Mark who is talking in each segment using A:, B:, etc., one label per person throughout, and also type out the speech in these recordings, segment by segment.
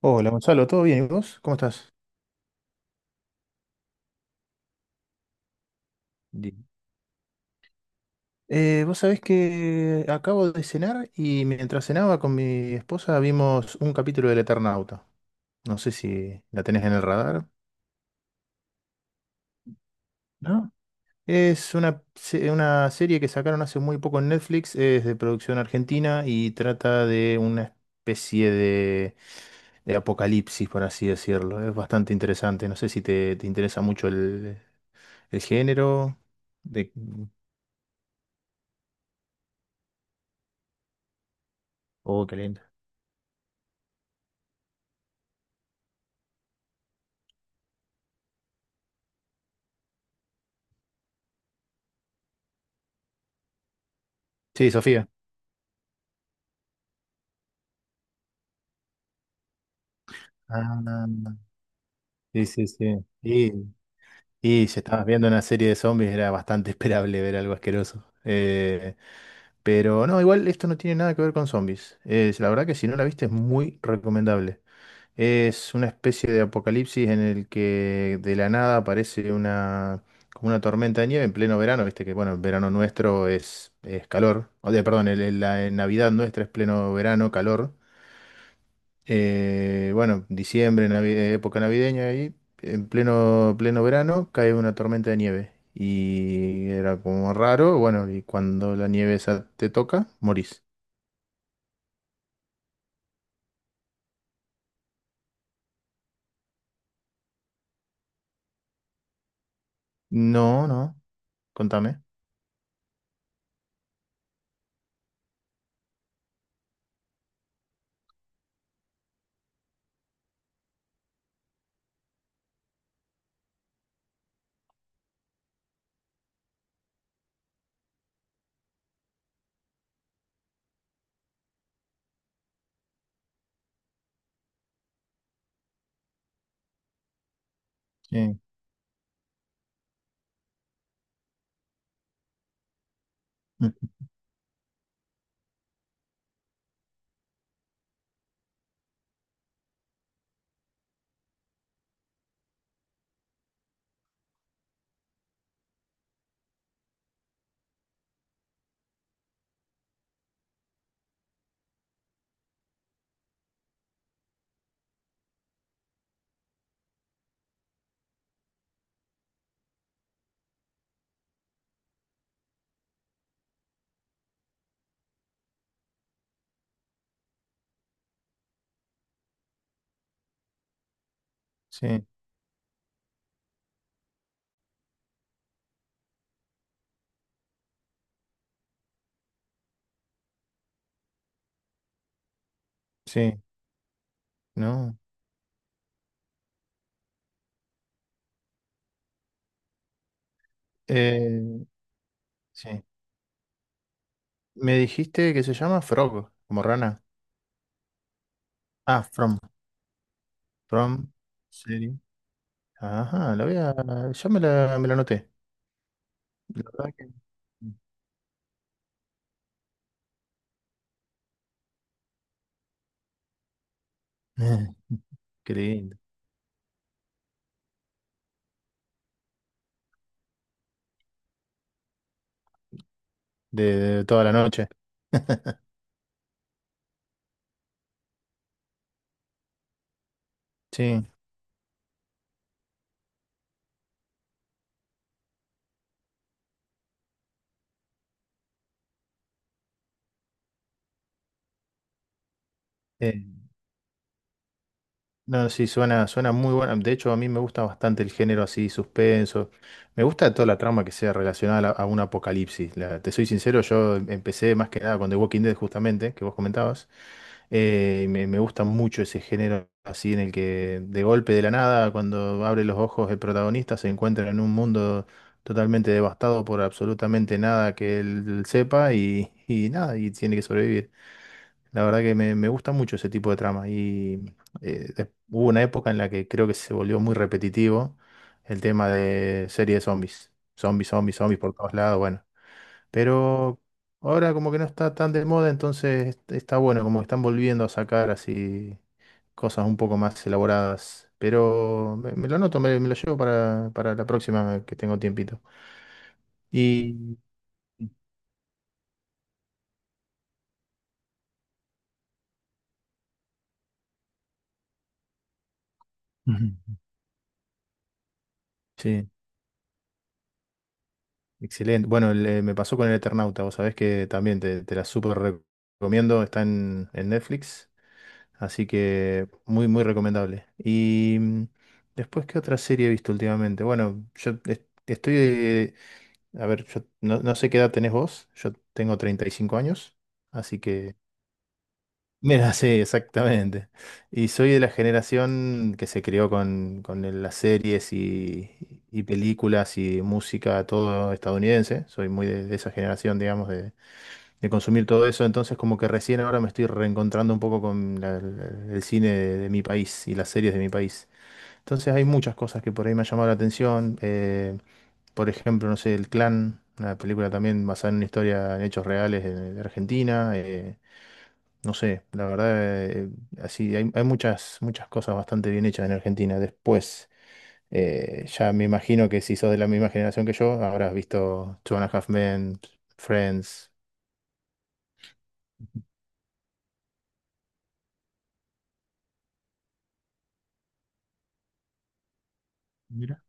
A: Hola Gonzalo, ¿todo bien? ¿Y vos? ¿Cómo estás? Bien. Vos sabés que acabo de cenar y mientras cenaba con mi esposa vimos un capítulo del Eternauta. No sé si la tenés en el radar. ¿No? Una serie que sacaron hace muy poco en Netflix, es de producción argentina y trata de una especie de apocalipsis, por así decirlo. Es bastante interesante. No sé si te interesa mucho el género. De... Oh, qué lindo. Sí, Sofía. Ah, sí, sí, sí. Y si estabas viendo una serie de zombies era bastante esperable ver algo asqueroso. Pero no, igual esto no tiene nada que ver con zombies. Es, la verdad que si no la viste es muy recomendable. Es una especie de apocalipsis en el que de la nada aparece como una tormenta de nieve en pleno verano. Viste que, bueno, el verano nuestro es calor. Perdón, la Navidad nuestra es pleno verano, calor. Bueno, diciembre, época navideña ahí, en pleno verano, cae una tormenta de nieve. Y era como raro, bueno, y cuando la nieve esa te toca, morís. No, no, contame. Sí, mm, sí, sí, no. Eh, sí. Me dijiste que se llama Frog, como rana. Ah, From, serie. Ajá, la voy a, ya me la anoté. La verdad que... Qué lindo. de, de toda la noche. Sí, eh, no, sí, suena muy buena. De hecho, a mí me gusta bastante el género así, suspenso. Me gusta toda la trama que sea relacionada a un apocalipsis. Te soy sincero, empecé más que nada con The Walking Dead, justamente, que vos comentabas. Me gusta mucho ese género así en el que de golpe de la nada, cuando abre los ojos el protagonista, se encuentra en un mundo totalmente devastado por absolutamente nada que él sepa y nada, y tiene que sobrevivir. La verdad que me gusta mucho ese tipo de trama. Hubo una época en la que creo que se volvió muy repetitivo el tema de serie de zombies. Zombies, zombies, zombies por todos lados, bueno. Pero ahora como que no está tan de moda, entonces está bueno, como que están volviendo a sacar así cosas un poco más elaboradas. Pero me lo anoto, me lo llevo para la próxima que tengo tiempito. Y ujú. Sí. Excelente. Bueno, me pasó con el Eternauta, vos sabés que también te la súper recomiendo, está en Netflix, así que muy, muy recomendable. Después, ¿qué otra serie he visto últimamente? Bueno, estoy, a ver, yo no sé qué edad tenés vos, yo tengo 35 años, así que mira, sí, exactamente. Y soy de la generación que se crió con las series y películas y música, todo estadounidense. Soy muy de esa generación, digamos, de consumir todo eso. Entonces, como que recién ahora me estoy reencontrando un poco con el cine de mi país y las series de mi país. Entonces, hay muchas cosas que por ahí me han llamado la atención. Por ejemplo, no sé, El Clan, una película también basada en una historia en hechos reales de Argentina. No sé, la verdad, así hay, hay muchas, muchas cosas bastante bien hechas en Argentina. Después, ya me imagino que si sos de la misma generación que yo, habrás visto Two and a Half Men, Friends. Mira.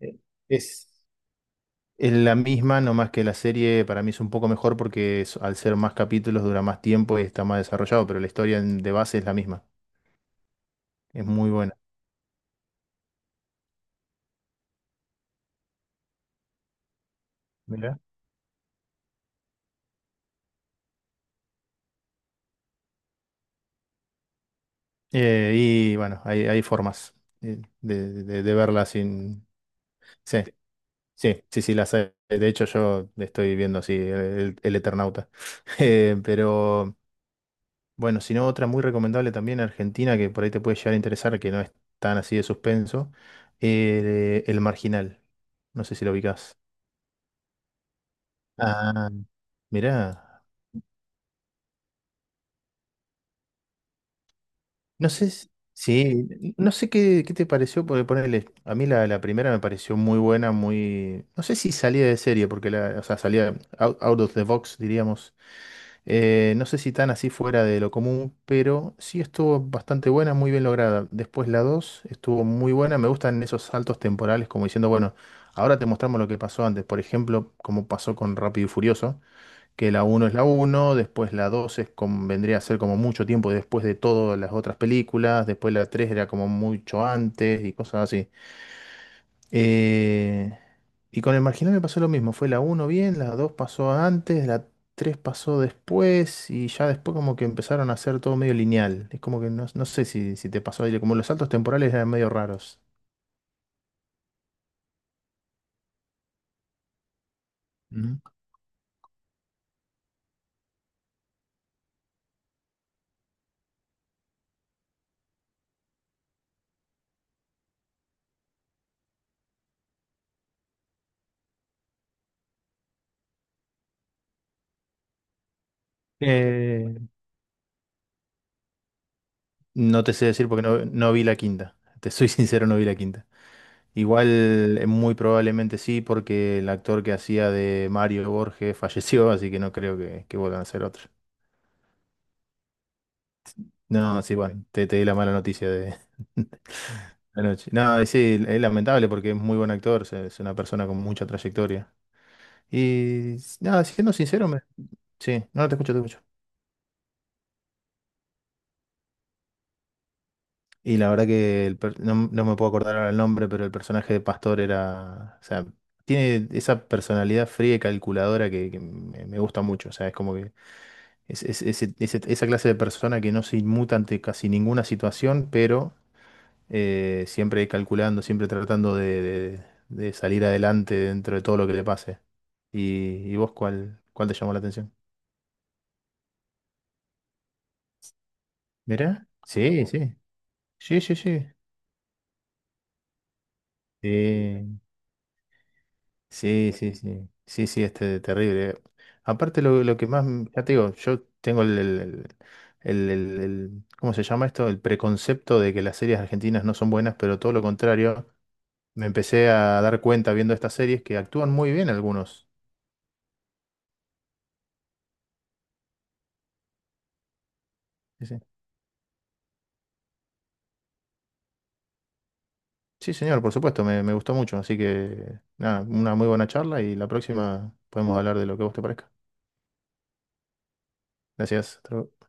A: Eh, Es, es la misma, nomás que la serie para mí es un poco mejor porque al ser más capítulos dura más tiempo y está más desarrollado, pero la historia de base es la misma. Es muy buena. Mira. Y bueno, hay formas de verla sin... Sí. Sí, sí, sí, las hay. De hecho, yo estoy viendo así el Eternauta. Pero bueno, si no, otra muy recomendable también argentina que por ahí te puede llegar a interesar, que no es tan así de suspenso, El Marginal. No sé si lo ubicás. Ah, mirá. No sé, si- Sí, no sé qué te pareció, porque ponerle, a mí la primera me pareció muy buena, muy, no sé si salía de serie, porque la, o sea, salía out of the box, diríamos. No sé si tan así fuera de lo común, pero sí estuvo bastante buena, muy bien lograda. Después la 2 estuvo muy buena. Me gustan esos saltos temporales, como diciendo, bueno, ahora te mostramos lo que pasó antes. Por ejemplo, como pasó con Rápido y Furioso, que la uno es la uno, después la 2 es como, vendría a ser como mucho tiempo después de todas las otras películas, después la 3 era como mucho antes y cosas así. Eh, y con el marginal me pasó lo mismo. Fue la uno bien, la 2 pasó antes, la 3 pasó después y ya después como que empezaron a hacer todo medio lineal. Es como que no, no sé si te pasó, Adri, como los saltos temporales eran medio raros. Ujú. Eh, no te sé decir porque no vi la quinta. Te soy sincero, no vi la quinta. Igual, muy probablemente sí, porque el actor que hacía de Mario Borges falleció, así que no creo que vuelvan a hacer otro. No, ah, sí, ok, bueno, te di la mala noticia de... La noche. No, y sí, es lamentable porque es muy buen actor, es una persona con mucha trayectoria. Nada, siendo sincero, me... Sí, no te escucho, te escucho. Y la verdad que no, no me puedo acordar ahora el nombre, pero el personaje de Pastor era, o sea, tiene esa personalidad fría y calculadora que me gusta mucho. O sea, es como que esa clase de persona que no se inmuta ante casi ninguna situación, pero siempre calculando, siempre tratando de salir adelante dentro de todo lo que le pase. ¿Y vos cuál te llamó la atención? ¿Mirá? Sí, sí. Sí, sí, sí. Sí, sí, sí, sí. Sí, sí, este terrible. Aparte lo que más, ya te digo, yo tengo ¿cómo se llama esto? El preconcepto de que las series argentinas no son buenas, pero todo lo contrario. Me empecé a dar cuenta viendo estas series que actúan muy bien algunos. Sí, sí. Sí, señor, por supuesto, me gustó mucho. Así que, nada, una muy buena charla y la próxima podemos hablar de lo que a vos te parezca. Gracias. Hasta luego.